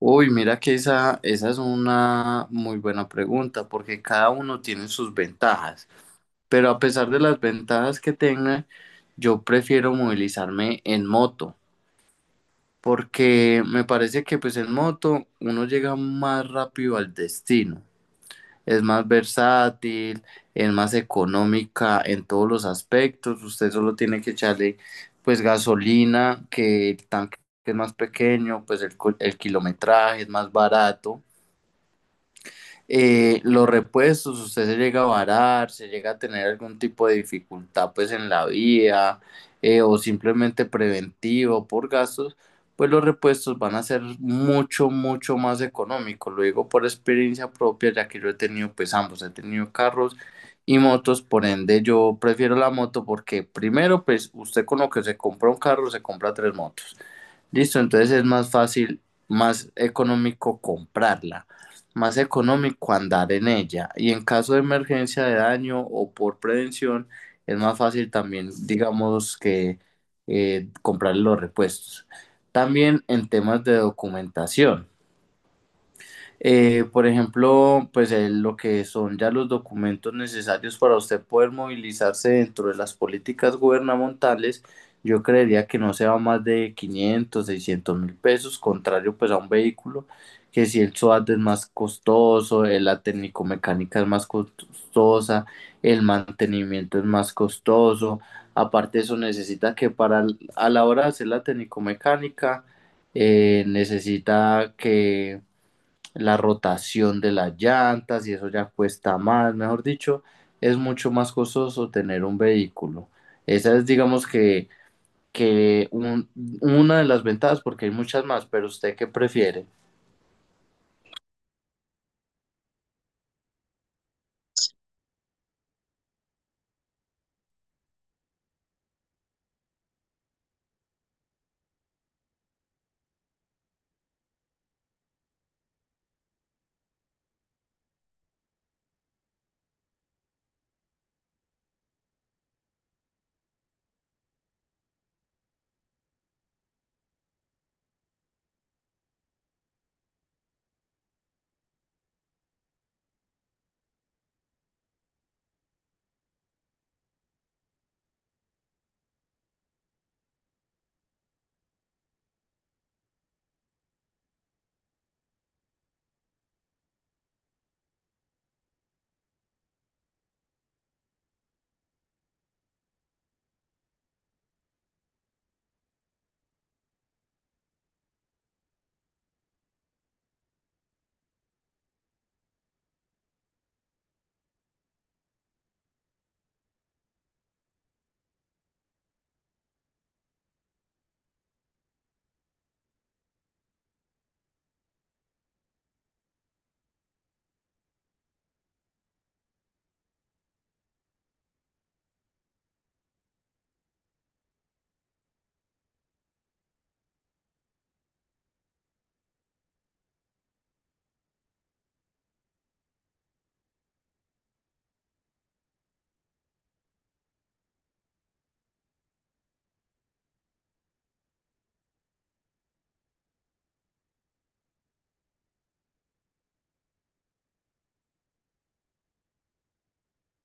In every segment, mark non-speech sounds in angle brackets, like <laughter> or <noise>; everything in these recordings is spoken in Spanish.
Uy, mira que esa es una muy buena pregunta, porque cada uno tiene sus ventajas, pero a pesar de las ventajas que tenga, yo prefiero movilizarme en moto, porque me parece que pues en moto uno llega más rápido al destino, es más versátil, es más económica en todos los aspectos, usted solo tiene que echarle pues gasolina, que el tanque es más pequeño, pues el kilometraje es más barato. Los repuestos, usted se llega a varar, se llega a tener algún tipo de dificultad pues en la vía, o simplemente preventivo por gastos, pues los repuestos van a ser mucho, mucho más económicos. Lo digo por experiencia propia, ya que yo he tenido pues ambos, he tenido carros y motos, por ende yo prefiero la moto porque primero pues usted con lo que se compra un carro se compra tres motos. Listo, entonces es más fácil, más económico comprarla, más económico andar en ella. Y en caso de emergencia de daño o por prevención, es más fácil también, digamos, que comprar los repuestos. También en temas de documentación. Por ejemplo, pues lo que son ya los documentos necesarios para usted poder movilizarse dentro de las políticas gubernamentales, yo creería que no se va más de 500.000 600.000 pesos, contrario pues a un vehículo que si el SOAT es más costoso, la técnico-mecánica es más costosa, el mantenimiento es más costoso, aparte de eso necesita que para a la hora de hacer la técnico-mecánica, necesita que la rotación de las llantas y eso ya cuesta más, mejor dicho, es mucho más costoso tener un vehículo. Esa es, digamos que una de las ventajas, porque hay muchas más, pero ¿usted qué prefiere?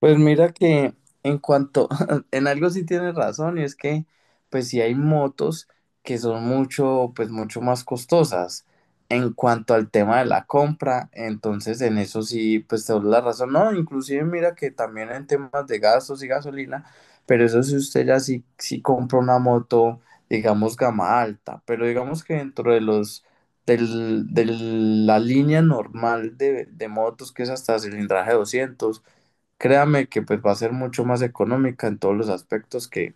Pues mira que en cuanto, <laughs> en algo sí tienes razón, y es que pues sí hay motos que son mucho, pues mucho más costosas en cuanto al tema de la compra, entonces en eso sí, pues te doy la razón. No, inclusive mira que también en temas de gastos y gasolina, pero eso sí, usted ya sí compra una moto, digamos, gama alta, pero digamos que dentro de la línea normal de motos que es hasta cilindraje 200. Créame que pues va a ser mucho más económica en todos los aspectos que,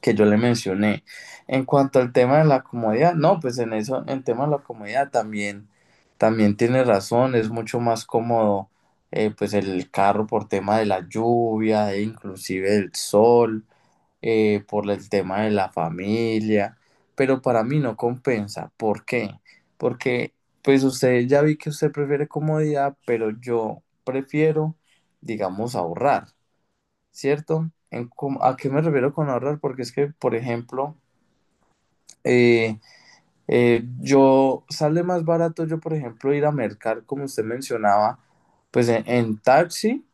que yo le mencioné. En cuanto al tema de la comodidad, no, pues en eso, en tema de la comodidad también tiene razón, es mucho más cómodo, pues el carro por tema de la lluvia, e inclusive el sol, por el tema de la familia, pero para mí no compensa. ¿Por qué? Porque pues usted ya vi que usted prefiere comodidad, pero yo prefiero, digamos, ahorrar. ¿Cierto? ¿A qué me refiero con ahorrar? Porque es que, por ejemplo, eh, yo sale más barato yo, por ejemplo, ir a mercar, como usted mencionaba, pues en taxi,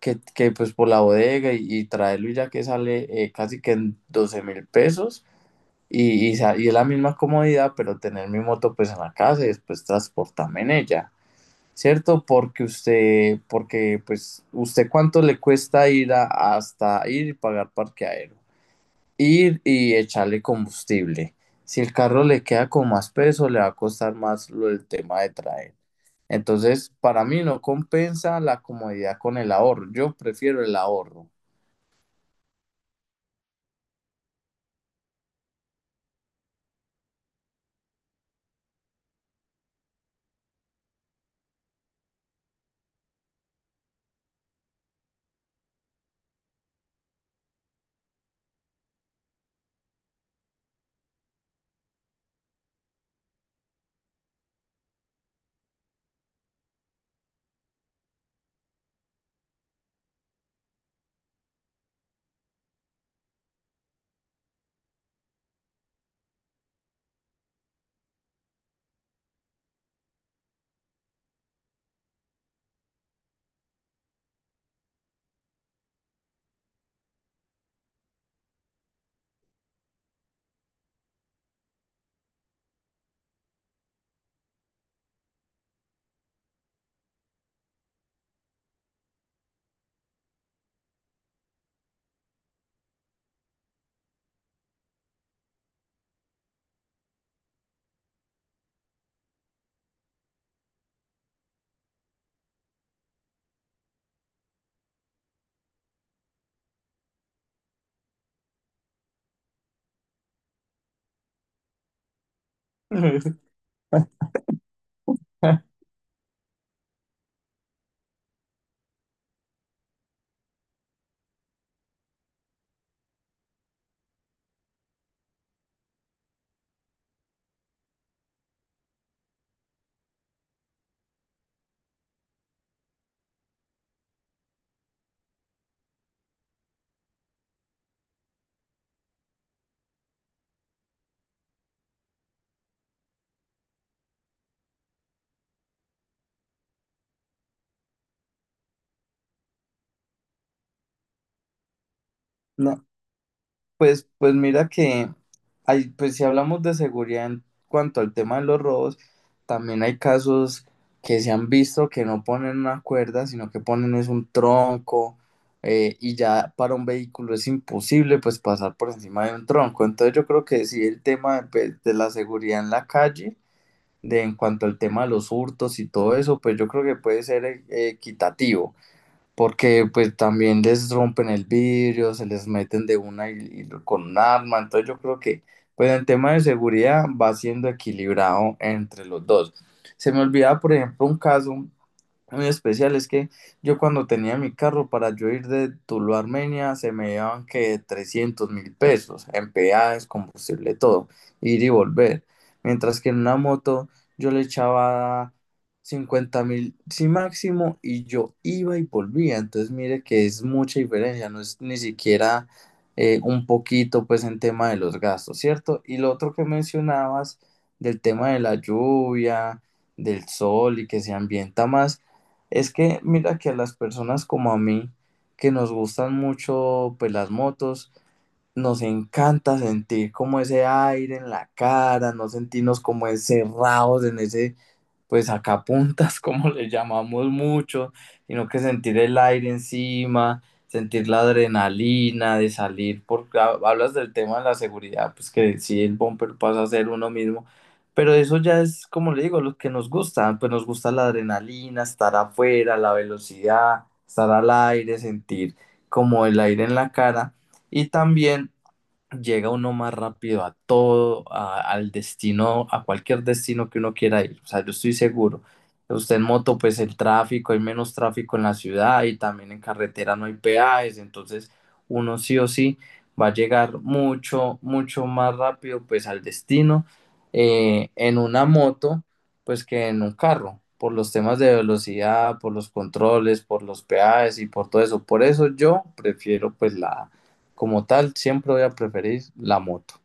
que pues por la bodega y traerlo y ya que sale, casi que en 12 mil pesos y es la misma comodidad, pero tener mi moto pues en la casa y después transportarme en ella. ¿Cierto? Porque pues, ¿usted cuánto le cuesta hasta ir y pagar parqueadero? Ir y echarle combustible. Si el carro le queda con más peso, le va a costar más el tema de traer. Entonces, para mí no compensa la comodidad con el ahorro. Yo prefiero el ahorro. <laughs> No. Pues mira que pues si hablamos de seguridad en cuanto al tema de los robos, también hay casos que se han visto que no ponen una cuerda, sino que ponen es un tronco, y ya para un vehículo es imposible pues pasar por encima de un tronco. Entonces yo creo que sí el tema de, pues, de la seguridad en la calle, de en cuanto al tema de los hurtos y todo eso, pues yo creo que puede ser, equitativo, porque pues también les rompen el vidrio, se les meten de una y con un arma, entonces yo creo que pues en tema de seguridad va siendo equilibrado entre los dos. Se me olvidaba, por ejemplo, un caso muy especial es que yo cuando tenía mi carro, para yo ir de Tuluá a Armenia se me llevaban que 300.000 pesos en peajes, combustible, todo, ir y volver. Mientras que en una moto yo le echaba 50.000, sí máximo, y yo iba y volvía. Entonces mire que es mucha diferencia, no es ni siquiera, un poquito pues en tema de los gastos, ¿cierto? Y lo otro que mencionabas del tema de la lluvia, del sol y que se ambienta más. Es que mira que a las personas como a mí, que nos gustan mucho pues las motos, nos encanta sentir como ese aire en la cara, no sentirnos como encerrados en ese, pues sacapuntas, <laughs> como le llamamos mucho, sino que sentir el aire encima, sentir la adrenalina de salir, porque hablas del tema de la seguridad, pues que sí, el bumper pasa a ser uno mismo, pero eso ya es, como le digo, lo que nos gusta, pues nos gusta la adrenalina, estar afuera, la velocidad, estar al aire, sentir como el aire en la cara, y también llega uno más rápido a todo, al destino, a cualquier destino que uno quiera ir. O sea, yo estoy seguro. Usted en moto, pues el tráfico, hay menos tráfico en la ciudad y también en carretera no hay peajes, entonces uno sí o sí va a llegar mucho, mucho más rápido pues al destino, en una moto pues que en un carro, por los temas de velocidad, por los controles, por los peajes y por todo eso. Por eso yo prefiero pues la como tal, siempre voy a preferir la moto.